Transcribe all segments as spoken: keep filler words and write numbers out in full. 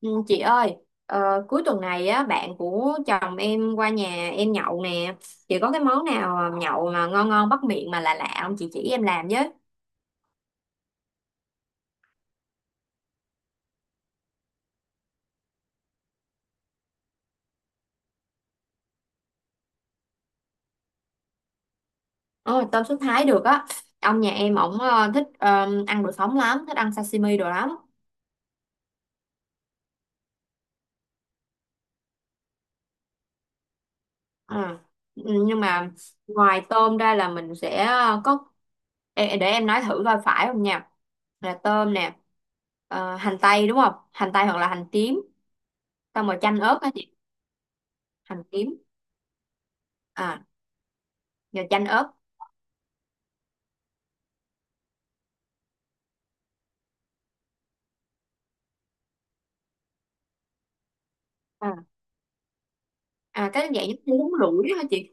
Ừ, chị ơi, ờ, cuối tuần này á bạn của chồng em qua nhà em nhậu nè. Chị có cái món nào mà nhậu mà ngon ngon bắt miệng mà lạ lạ không, chị chỉ em làm với. Ồ, tôm sốt Thái được á. Ông nhà em ổng ờ, thích ờ, ăn đồ sống lắm, thích ăn sashimi đồ lắm. Ờ. Ừ, nhưng mà ngoài tôm ra là mình sẽ ờ, có. Ê, để em nói thử coi phải không nha. Là tôm nè, ờ, hành tây đúng không? Hành tây hoặc là hành tím, xong rồi chanh ớt á chị, hành tím. À, rồi chanh ớt. À, à, cái dạng giống như bún rủi đó hả chị?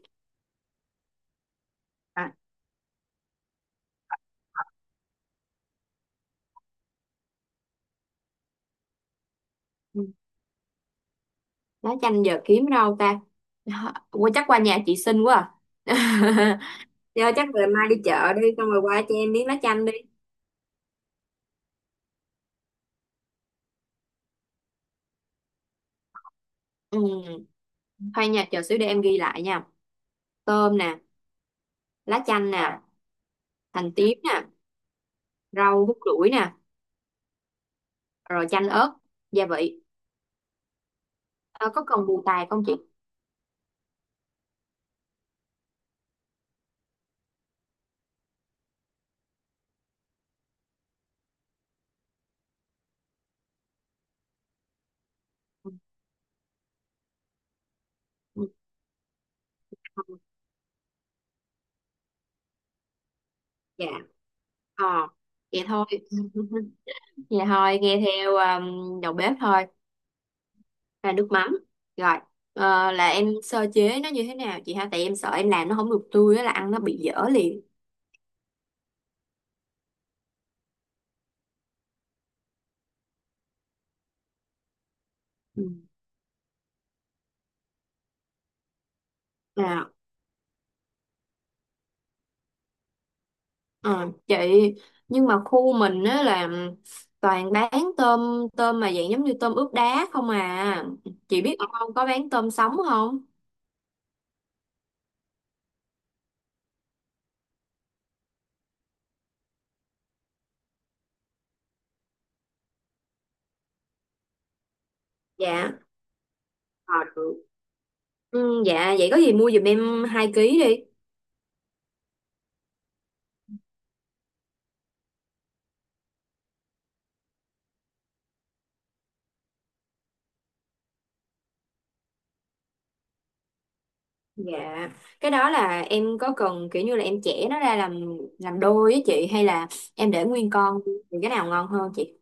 À, ừ. Lá chanh giờ kiếm đâu ta? Hả, qua chắc qua nhà chị xinh quá à. Do chắc về mai đi chợ đi xong rồi qua cho em miếng lá chanh đi. Ừ. Thôi nha, chờ xíu để em ghi lại nha. Tôm nè. Lá chanh nè. Hành tím nè. Rau hút lủi nè. Rồi chanh ớt. Gia vị. Ờ, có cần bù tài không chị? Ừ, ừ, dạ, ờ vậy thôi. Vậy thôi, nghe theo um, đầu bếp thôi. Là nước mắm. Rồi. Ờ, là em sơ chế nó như thế nào chị ha? Tại em sợ em làm nó không được tươi á là ăn nó bị dở liền. Ừ. À, ờ, chị, nhưng mà khu mình á là toàn bán tôm tôm mà dạng giống như tôm ướp đá không à. Chị biết ở không có bán tôm sống không? Dạ. Ờ, được. Ừ, dạ, vậy có gì mua giùm em hai ký đi. Dạ. Cái đó là em có cần kiểu như là em chẻ nó ra làm làm đôi á chị, hay là em để nguyên con thì cái nào ngon hơn chị?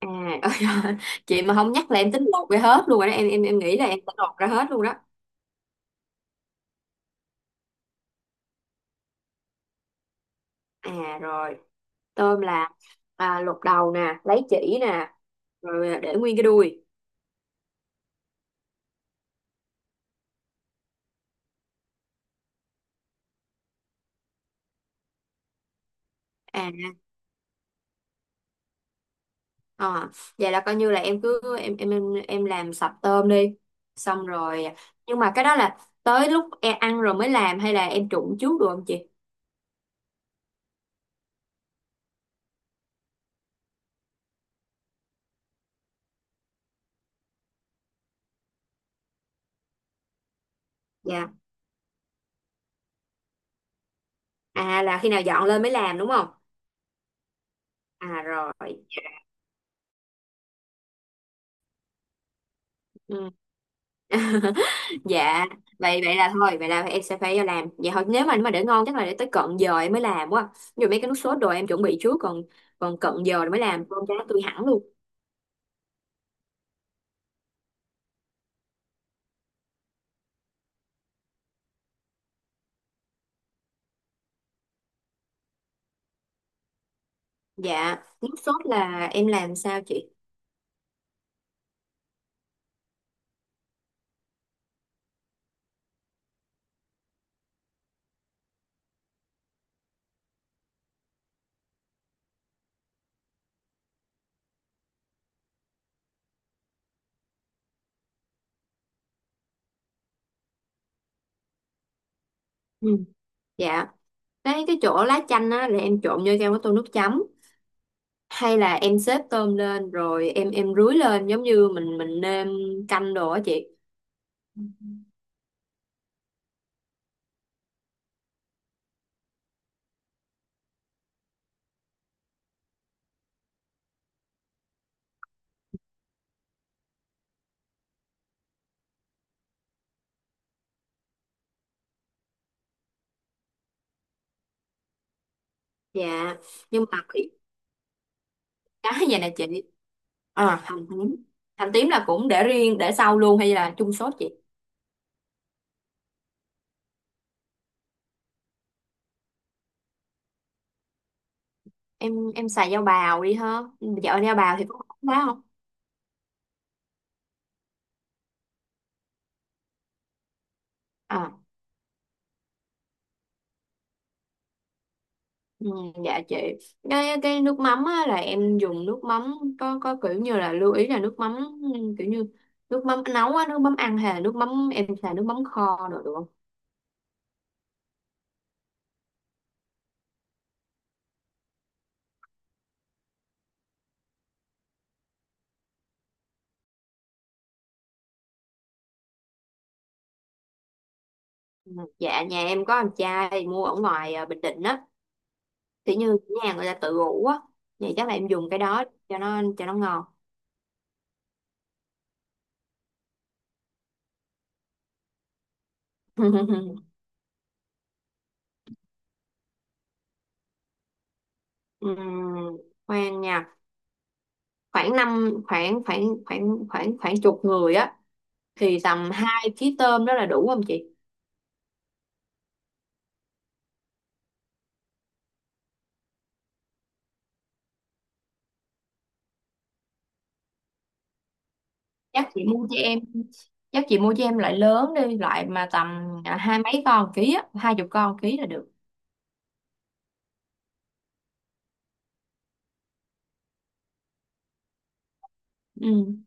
À. Ôi giời, chị mà không nhắc là em tính lột ra hết luôn rồi đó. Em em em nghĩ là em sẽ lột ra hết luôn đó. À rồi. Tôm là, à, lột đầu nè, lấy chỉ nè, rồi à, để nguyên cái đuôi. À. ờ, Vậy là coi như là em cứ em em em em làm sạch tôm đi, xong rồi à, nhưng mà cái đó là tới lúc em ăn rồi mới làm, hay là em trụng trước được không chị? Dạ. À, là khi nào dọn lên mới làm đúng không? À rồi. Ừ. Dạ. Vậy vậy là thôi, vậy là em sẽ phải làm vậy thôi, nếu mà mà để ngon chắc là để tới cận giờ em mới làm quá. Dù mấy cái nước sốt đồ em chuẩn bị trước, còn còn cận giờ rồi mới làm con cá tươi hẳn luôn. Dạ, nước sốt là em làm sao chị? Ừ. Dạ. Cái cái chỗ lá chanh á là em trộn vô trong cái tô nước chấm, hay là em xếp tôm lên rồi em em rưới lên giống như mình mình nêm canh đồ á chị? Dạ. Nhưng mà cái cái vậy nè chị. À, hành tím. Hành tím là cũng để riêng để sau luôn hay là chung sốt chị? Em em xài dao bào đi ha? Ừ, dạo dao bào thì có ngon quá không? À, ừ, dạ chị. Cái cái nước mắm á, là em dùng nước mắm có có kiểu như là lưu ý là nước mắm, ừ, kiểu như nước mắm nấu á, nước mắm ăn, hay là nước mắm em xài nước mắm kho rồi được không? Ừ, dạ nhà em có em trai mua ở ngoài à, Bình Định á, kiểu như nhà người ta tự ủ á, vậy chắc là em dùng cái đó cho nó cho nó ngon. Ừm, khoan nha. Khoảng năm khoảng khoảng khoảng khoảng khoảng chục người á, thì tầm hai ký tôm đó là đủ không chị? Chắc chị mua cho em chắc chị mua cho em loại lớn đi, loại mà tầm à, hai mấy con ký á, hai chục con ký là được. Ừ.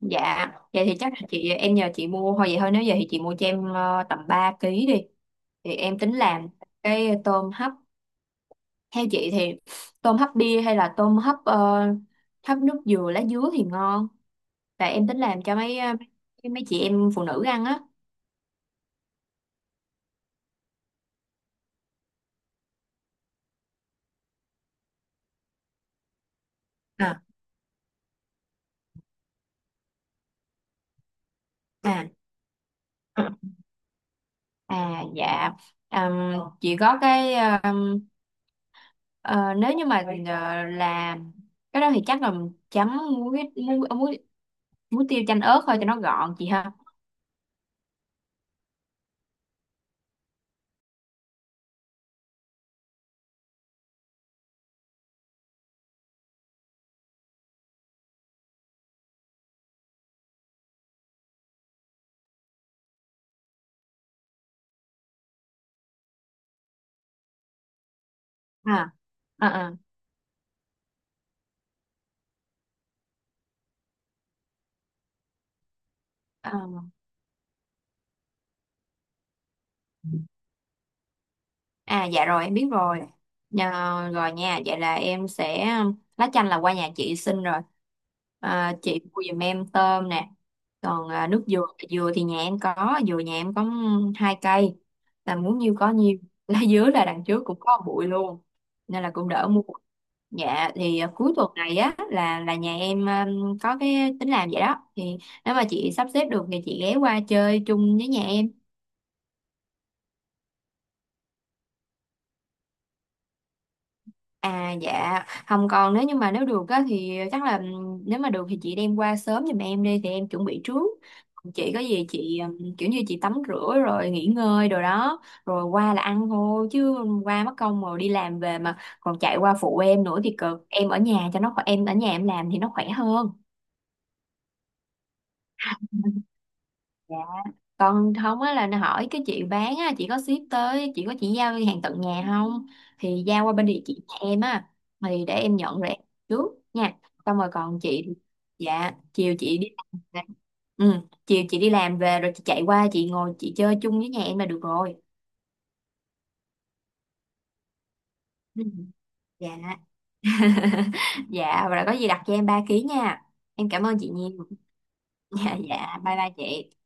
Dạ. Vậy thì chắc là chị, em nhờ chị mua thôi, vậy thôi, nếu vậy thì chị mua cho em ờ, tầm ba ký đi, thì em tính làm cái tôm hấp. Theo chị thì tôm hấp bia hay là tôm hấp ờ, hấp nước dừa lá dứa thì ngon? Tại em tính làm cho mấy ờ, mấy mấy chị em phụ nữ ăn á. À. À. À dạ. Ừm, chị có cái, ừm, ờ, nếu như mà ờ, làm cái đó thì chắc là chấm muối, muối muối, muối tiêu chanh ớt thôi cho nó gọn chị ha. À, à, à, à. À dạ rồi em biết rồi. Nhờ, rồi nha, vậy là em sẽ lá chanh là qua nhà chị xin rồi. À, chị mua giùm em tôm nè. Còn à, nước dừa, dừa thì nhà em có, dừa nhà em có hai cây. Là muốn nhiêu có nhiêu. Lá dứa là đằng trước cũng có bụi luôn. Nên là cũng đỡ mua. Dạ thì à, cuối tuần này á là là nhà em um, có cái tính làm vậy đó. Thì nếu mà chị sắp xếp được thì chị ghé qua chơi chung với nhà em. À dạ, không, còn nếu như mà nếu được á thì chắc là ừm, nếu mà được thì chị đem qua sớm giùm em đi thì em chuẩn bị trước. Còn chị có gì chị ừm, kiểu như chị tắm rửa rồi nghỉ ngơi rồi đó, rồi qua là ăn thôi chứ. Qua mất công rồi đi làm về mà còn chạy qua phụ em nữa thì cực. Em ở nhà cho nó khỏe, em ở nhà em làm thì nó khỏe hơn. Còn không á là nó hỏi cái chị bán á, chị có ship tới, chị có, chị giao hàng tận nhà không, thì giao qua bên địa chỉ nhà em á, thì để em nhận rồi em trước nha. Xong rồi còn chị dạ chiều chị đi làm về. Ừ, chiều chị đi làm về rồi chị chạy qua, chị ngồi chị chơi chung với nhà em là được rồi. Ừ. Dạ. Dạ và có gì đặt cho em ba ký nha. Em cảm ơn chị nhiều. Dạ, dạ, bye bye chị.